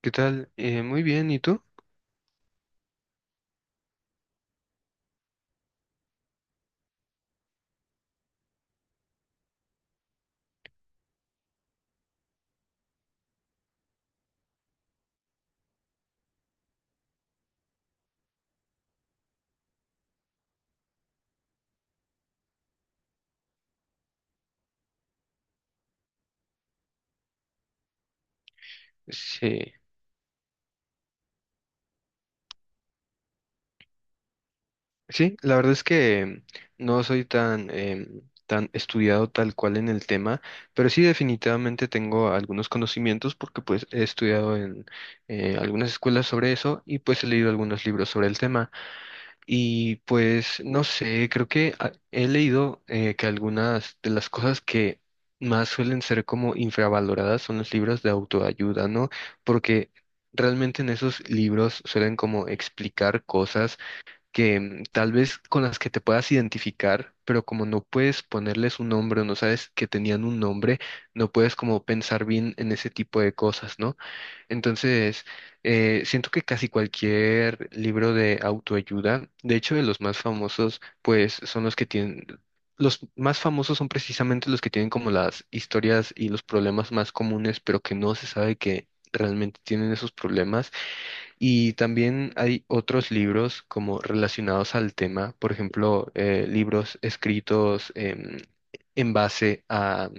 ¿Qué tal? Muy bien, ¿y tú? Sí, sí, la verdad es que no soy tan, tan estudiado tal cual en el tema, pero sí definitivamente tengo algunos conocimientos porque pues he estudiado en algunas escuelas sobre eso y pues he leído algunos libros sobre el tema. Y pues no sé, creo que he leído que algunas de las cosas que más suelen ser como infravaloradas son los libros de autoayuda, ¿no? Porque realmente en esos libros suelen como explicar cosas que tal vez con las que te puedas identificar, pero como no puedes ponerles un nombre o no sabes que tenían un nombre, no puedes como pensar bien en ese tipo de cosas, ¿no? Entonces, siento que casi cualquier libro de autoayuda, de hecho, de los más famosos, pues son los que tienen, los más famosos son precisamente los que tienen como las historias y los problemas más comunes, pero que no se sabe que realmente tienen esos problemas. Y también hay otros libros como relacionados al tema, por ejemplo, libros escritos en base a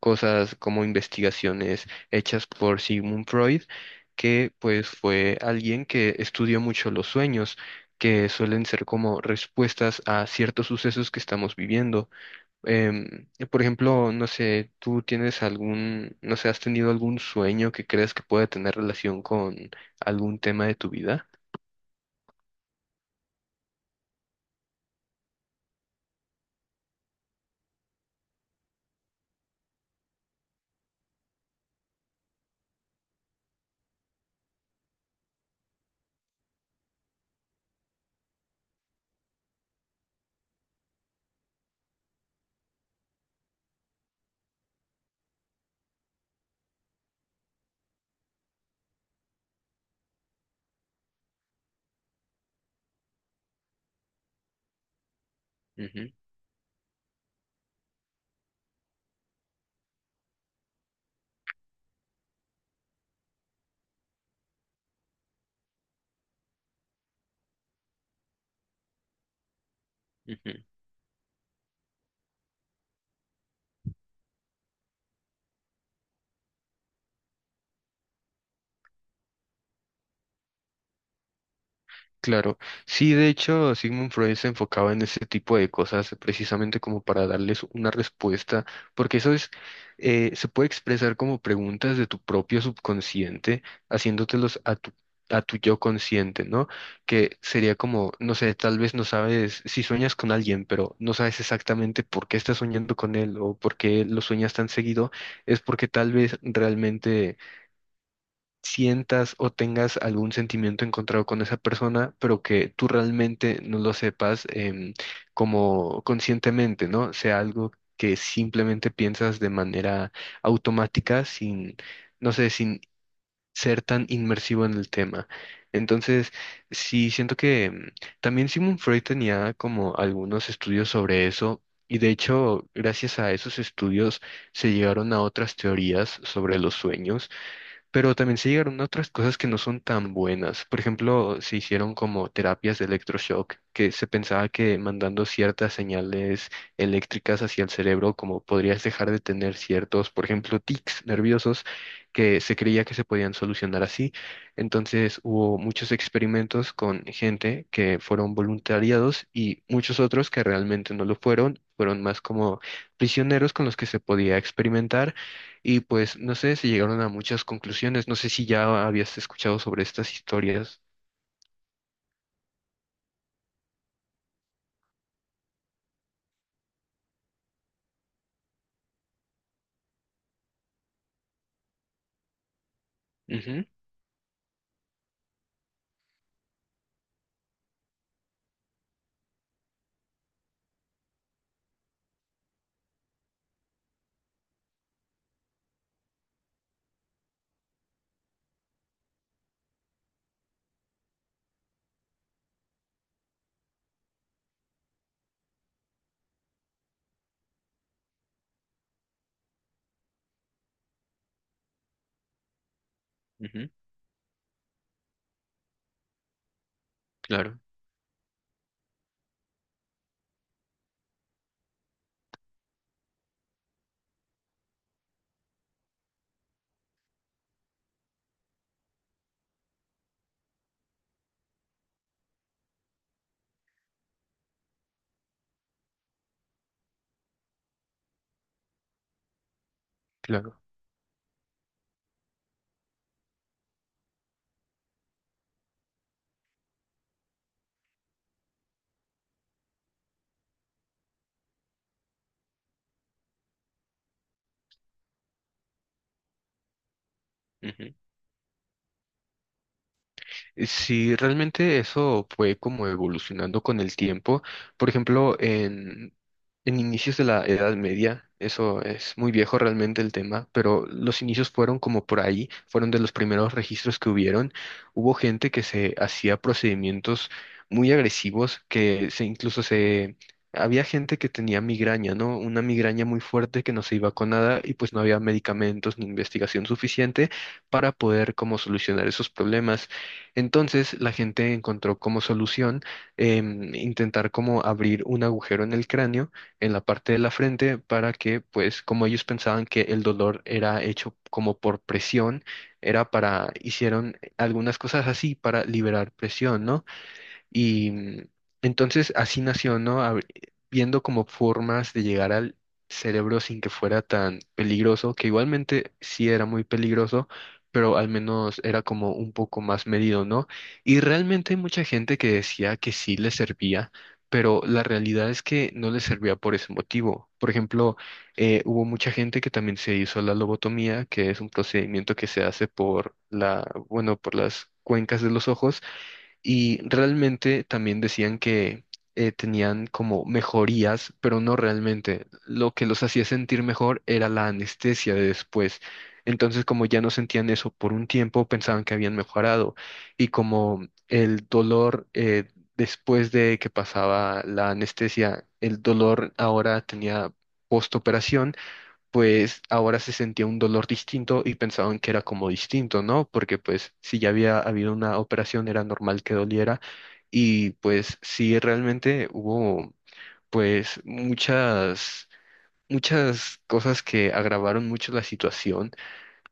cosas como investigaciones hechas por Sigmund Freud, que pues fue alguien que estudió mucho los sueños, que suelen ser como respuestas a ciertos sucesos que estamos viviendo. Por ejemplo, no sé, ¿tú tienes algún, no sé, has tenido algún sueño que crees que pueda tener relación con algún tema de tu vida? Ujú, ujú. Claro, sí, de hecho, Sigmund Freud se enfocaba en ese tipo de cosas precisamente como para darles una respuesta, porque eso es, se puede expresar como preguntas de tu propio subconsciente, haciéndotelos a tu yo consciente, ¿no? Que sería como, no sé, tal vez no sabes si sueñas con alguien, pero no sabes exactamente por qué estás soñando con él o por qué lo sueñas tan seguido, es porque tal vez realmente sientas o tengas algún sentimiento encontrado con esa persona, pero que tú realmente no lo sepas como conscientemente, ¿no? Sea algo que simplemente piensas de manera automática, sin, no sé, sin ser tan inmersivo en el tema. Entonces, sí, siento que también Sigmund Freud tenía como algunos estudios sobre eso. Y de hecho, gracias a esos estudios se llegaron a otras teorías sobre los sueños pero también se llegaron a otras cosas que no son tan buenas. Por ejemplo, se hicieron como terapias de electroshock, que se pensaba que mandando ciertas señales eléctricas hacia el cerebro, como podrías dejar de tener ciertos, por ejemplo, tics nerviosos, que se creía que se podían solucionar así. Entonces hubo muchos experimentos con gente que fueron voluntariados y muchos otros que realmente no lo fueron. Fueron más como prisioneros con los que se podía experimentar y pues no sé, se llegaron a muchas conclusiones. No sé si ya habías escuchado sobre estas historias. Ujú, ujú, claro, claro. Ujú. Sí, realmente eso fue como evolucionando con el tiempo. Por ejemplo, en inicios de la Edad Media, eso es muy viejo realmente el tema, pero los inicios fueron como por ahí, fueron de los primeros registros que hubieron. Hubo gente que se hacía procedimientos muy agresivos, que se incluso se... Había gente que tenía migraña, ¿no? Una migraña muy fuerte que no se iba con nada y pues no había medicamentos ni investigación suficiente para poder como solucionar esos problemas. Entonces la gente encontró como solución intentar como abrir un agujero en el cráneo, en la parte de la frente, para que pues como ellos pensaban que el dolor era hecho como por presión, era para, hicieron algunas cosas así para liberar presión, ¿no? Y entonces así nació, ¿no? Viendo como formas de llegar al cerebro sin que fuera tan peligroso, que igualmente sí era muy peligroso, pero al menos era como un poco más medido, ¿no? Y realmente hay mucha gente que decía que sí le servía, pero la realidad es que no le servía por ese motivo. Por ejemplo, hubo mucha gente que también se hizo la lobotomía, que es un procedimiento que se hace por la, bueno, por las cuencas de los ojos y realmente también decían que tenían como mejorías, pero no realmente. Lo que los hacía sentir mejor era la anestesia de después. Entonces, como ya no sentían eso por un tiempo, pensaban que habían mejorado. Y como el dolor después de que pasaba la anestesia, el dolor ahora tenía postoperación pues ahora se sentía un dolor distinto y pensaban que era como distinto, ¿no? Porque pues si ya había habido una operación era normal que doliera y pues sí realmente hubo pues muchas cosas que agravaron mucho la situación,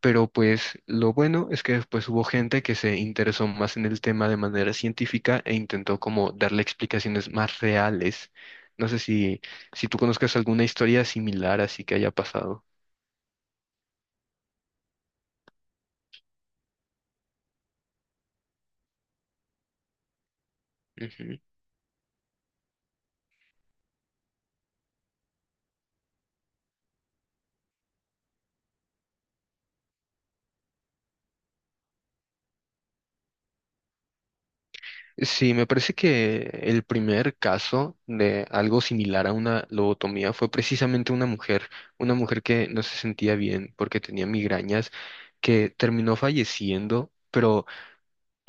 pero pues lo bueno es que después hubo gente que se interesó más en el tema de manera científica e intentó como darle explicaciones más reales. No sé si tú conozcas alguna historia similar así que haya pasado. Sí, me parece que el primer caso de algo similar a una lobotomía fue precisamente una mujer que no se sentía bien porque tenía migrañas, que terminó falleciendo, pero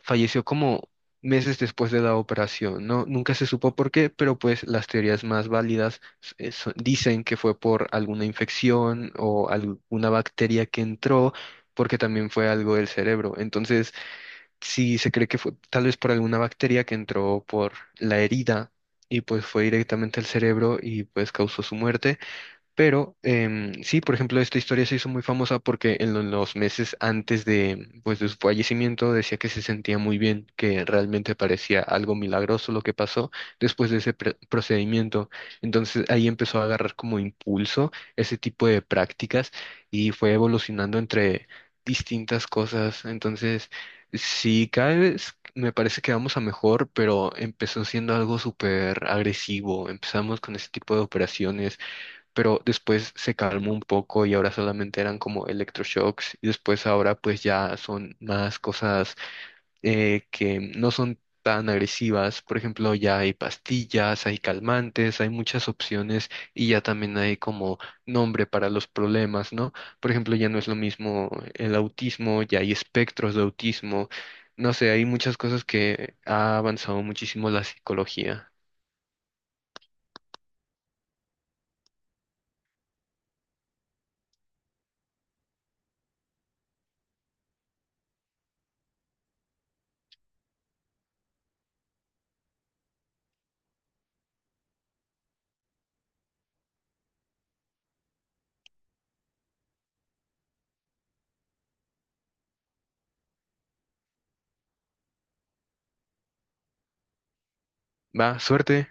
falleció como meses después de la operación. No, nunca se supo por qué, pero pues las teorías más válidas dicen que fue por alguna infección o alguna bacteria que entró, porque también fue algo del cerebro. Entonces, sí, se cree que fue tal vez por alguna bacteria que entró por la herida y pues fue directamente al cerebro y pues causó su muerte. Pero sí, por ejemplo, esta historia se hizo muy famosa porque en los meses antes de, pues, de su fallecimiento decía que se sentía muy bien, que realmente parecía algo milagroso lo que pasó después de ese procedimiento. Entonces ahí empezó a agarrar como impulso ese tipo de prácticas y fue evolucionando entre distintas cosas. Entonces, sí, cada vez me parece que vamos a mejor, pero empezó siendo algo súper agresivo. Empezamos con ese tipo de operaciones pero después se calmó un poco y ahora solamente eran como electroshocks y después ahora pues ya son más cosas que no son tan agresivas. Por ejemplo, ya hay pastillas, hay calmantes, hay muchas opciones y ya también hay como nombre para los problemas, ¿no? Por ejemplo, ya no es lo mismo el autismo, ya hay espectros de autismo. No sé, hay muchas cosas que ha avanzado muchísimo la psicología. Va, suerte.